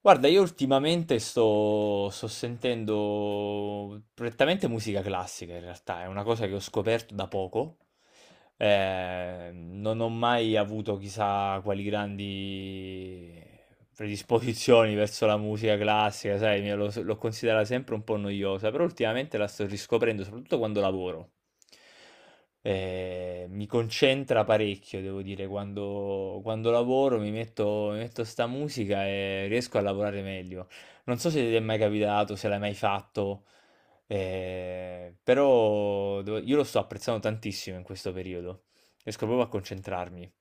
Guarda, io ultimamente sto sentendo prettamente musica classica in realtà, è una cosa che ho scoperto da poco. Non ho mai avuto chissà quali grandi predisposizioni verso la musica classica, sai, l'ho considerata sempre un po' noiosa, però ultimamente la sto riscoprendo, soprattutto quando lavoro. Mi concentra parecchio, devo dire, quando lavoro mi metto sta musica e riesco a lavorare meglio. Non so se ti è mai capitato, se l'hai mai fatto, però io lo sto apprezzando tantissimo in questo periodo. Riesco proprio a concentrarmi.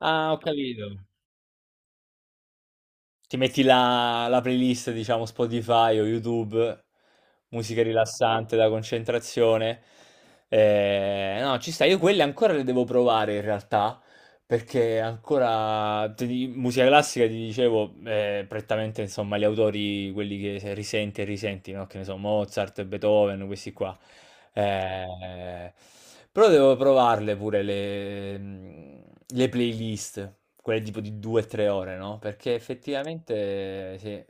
Ah, ho capito. Ti metti la playlist, diciamo, Spotify o YouTube, musica rilassante da concentrazione. No, ci sta, io quelle ancora le devo provare in realtà. Perché ancora musica classica, ti dicevo, è prettamente insomma gli autori, quelli che se risenti e risenti, no? Che ne so, Mozart, Beethoven, questi qua. Eh, Però devo provarle pure le, le playlist, quelle tipo di 2-3 ore, no? Perché effettivamente, sì,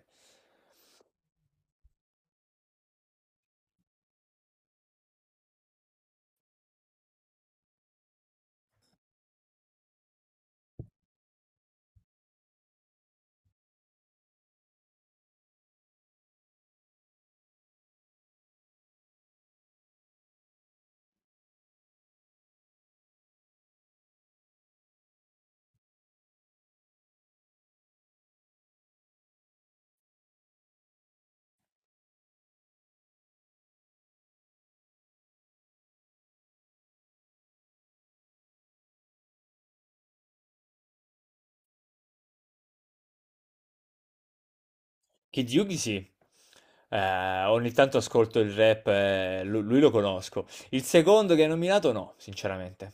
Kid Yugi sì. Ogni tanto ascolto il rap, lui lo conosco. Il secondo che hai nominato no, sinceramente.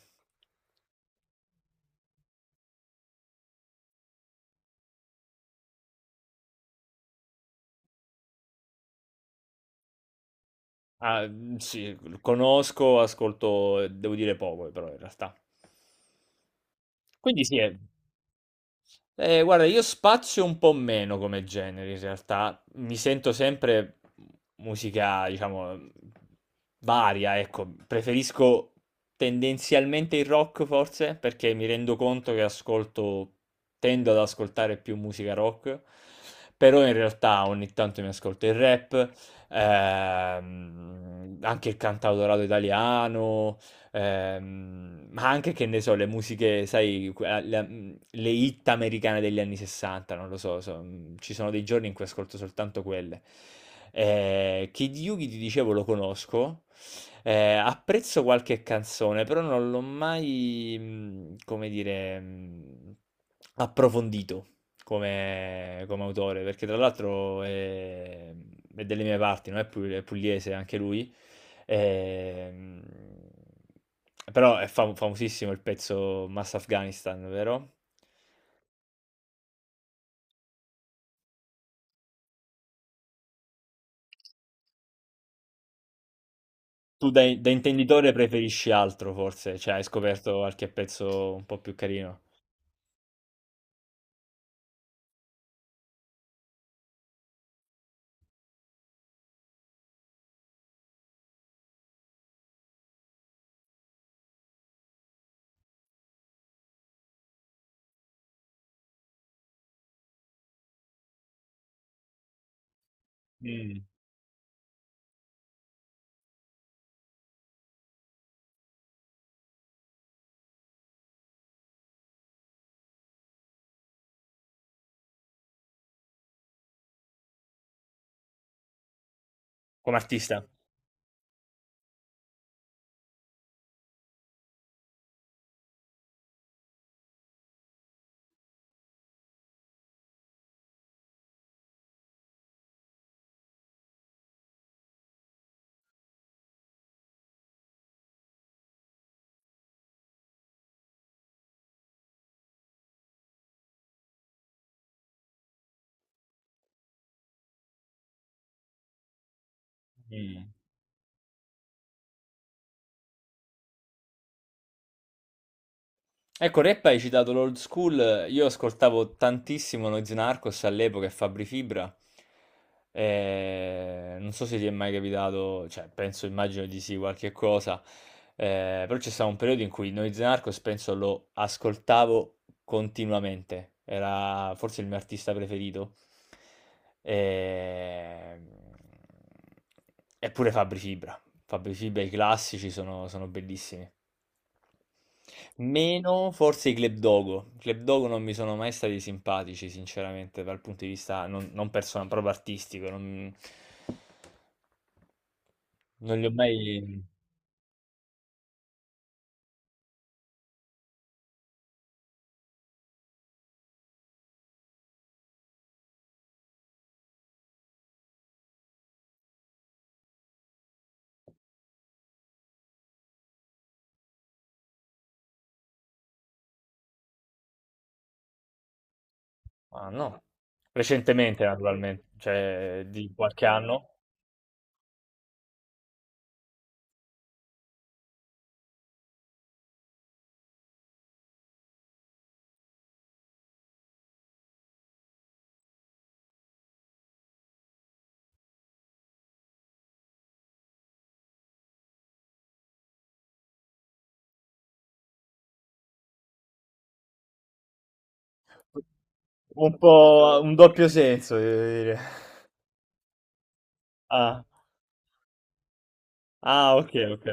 Ah, mhmm, sì, conosco, ascolto, devo dire poco però in realtà. Quindi sì, è guarda, io spazio un po' meno come generi in realtà, mi sento sempre musica, diciamo, varia, ecco, preferisco tendenzialmente il rock forse, perché mi rendo conto che ascolto, tendo ad ascoltare più musica rock, però in realtà ogni tanto mi ascolto il rap, anche il cantautorato italiano, ma anche che ne so, le musiche, sai, le hit americane degli anni 60, non lo so, ci sono dei giorni in cui ascolto soltanto quelle. Kid Yugi, ti dicevo, lo conosco, apprezzo qualche canzone, però non l'ho mai, come dire, approfondito come, come autore, perché tra l'altro è delle mie parti, no? È è pugliese anche lui. Ehm, Però è famosissimo il pezzo Mass Afghanistan, vero? Tu da intenditore preferisci altro, forse? Cioè, hai scoperto qualche pezzo un po' più carino. Mm. Come artista? Mm. Ecco, rap hai citato l'old school, io ascoltavo tantissimo Noyz Narcos all'epoca e Fabri Fibra. Non so se ti è mai capitato, cioè penso, immagino di sì, qualche cosa. Però c'è stato un periodo in cui Noyz Narcos penso lo ascoltavo continuamente, era forse il mio artista preferito. Eh, Eppure Fabri Fibra. Fabri Fibra, i classici sono bellissimi. Meno forse i Club Dogo. I Club Dogo non mi sono mai stati simpatici, sinceramente, dal punto di vista non, non personale, proprio artistico. Non, non li ho mai... Ah, no. Recentemente, naturalmente, cioè di qualche anno. Un po' un doppio senso, devo dire. Ah, ah, ok, ok.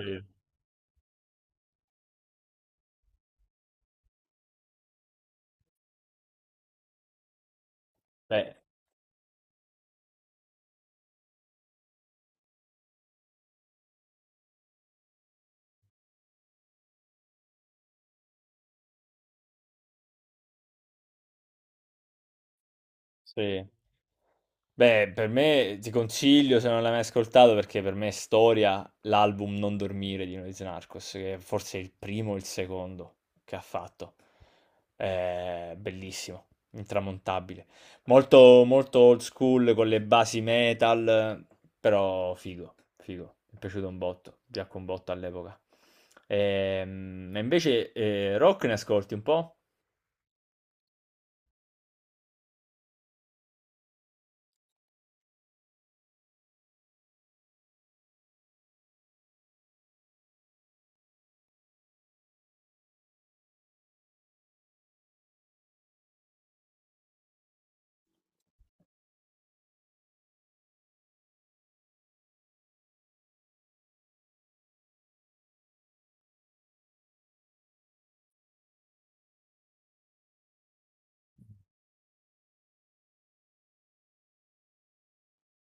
Beh, sì. Beh, per me ti consiglio se non l'hai mai ascoltato perché per me è storia l'album Non dormire di Noyz Narcos, che è forse il primo o il secondo che ha fatto. È bellissimo, intramontabile. Molto, molto old school con le basi metal, però figo, figo. Mi è piaciuto un botto, piacque un botto all'epoca. E invece rock ne ascolti un po'?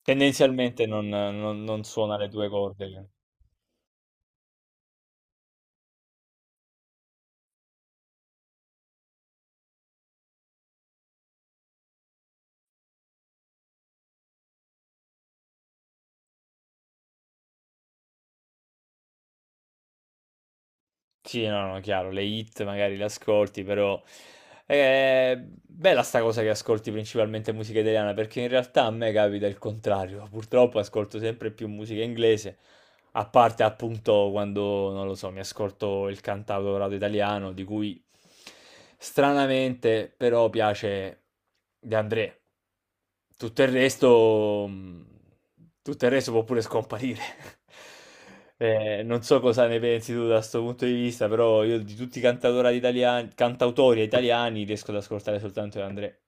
Tendenzialmente non, non suona le tue corde. Sì, no, no, chiaro, le hit magari le ascolti, però è bella sta cosa che ascolti principalmente musica italiana, perché in realtà a me capita il contrario. Purtroppo ascolto sempre più musica inglese, a parte appunto quando, non lo so, mi ascolto il cantautorato italiano, di cui stranamente però piace De André. Tutto il resto, mh, tutto il resto può pure scomparire. Non so cosa ne pensi tu da questo punto di vista, però io di tutti i cantautori italiani riesco ad ascoltare soltanto De André.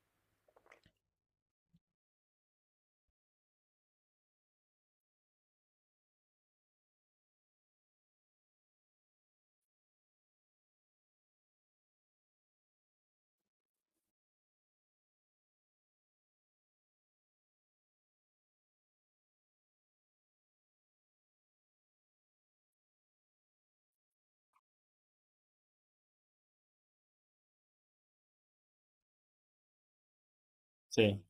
Sì.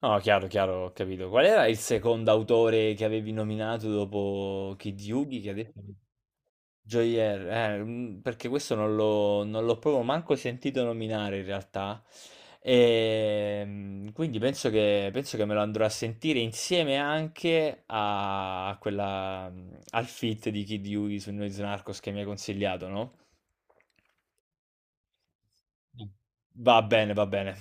No, chiaro, chiaro, ho capito. Qual era il secondo autore che avevi nominato dopo Kid Yugi? Che ha detto? Joyer, mm, perché questo non l'ho proprio manco sentito nominare in realtà. E, mm, quindi penso che me lo andrò a sentire insieme anche a quella, mm, al feat di Kid Yugi su Noyz Narcos che mi hai consigliato, no? Va bene, va bene.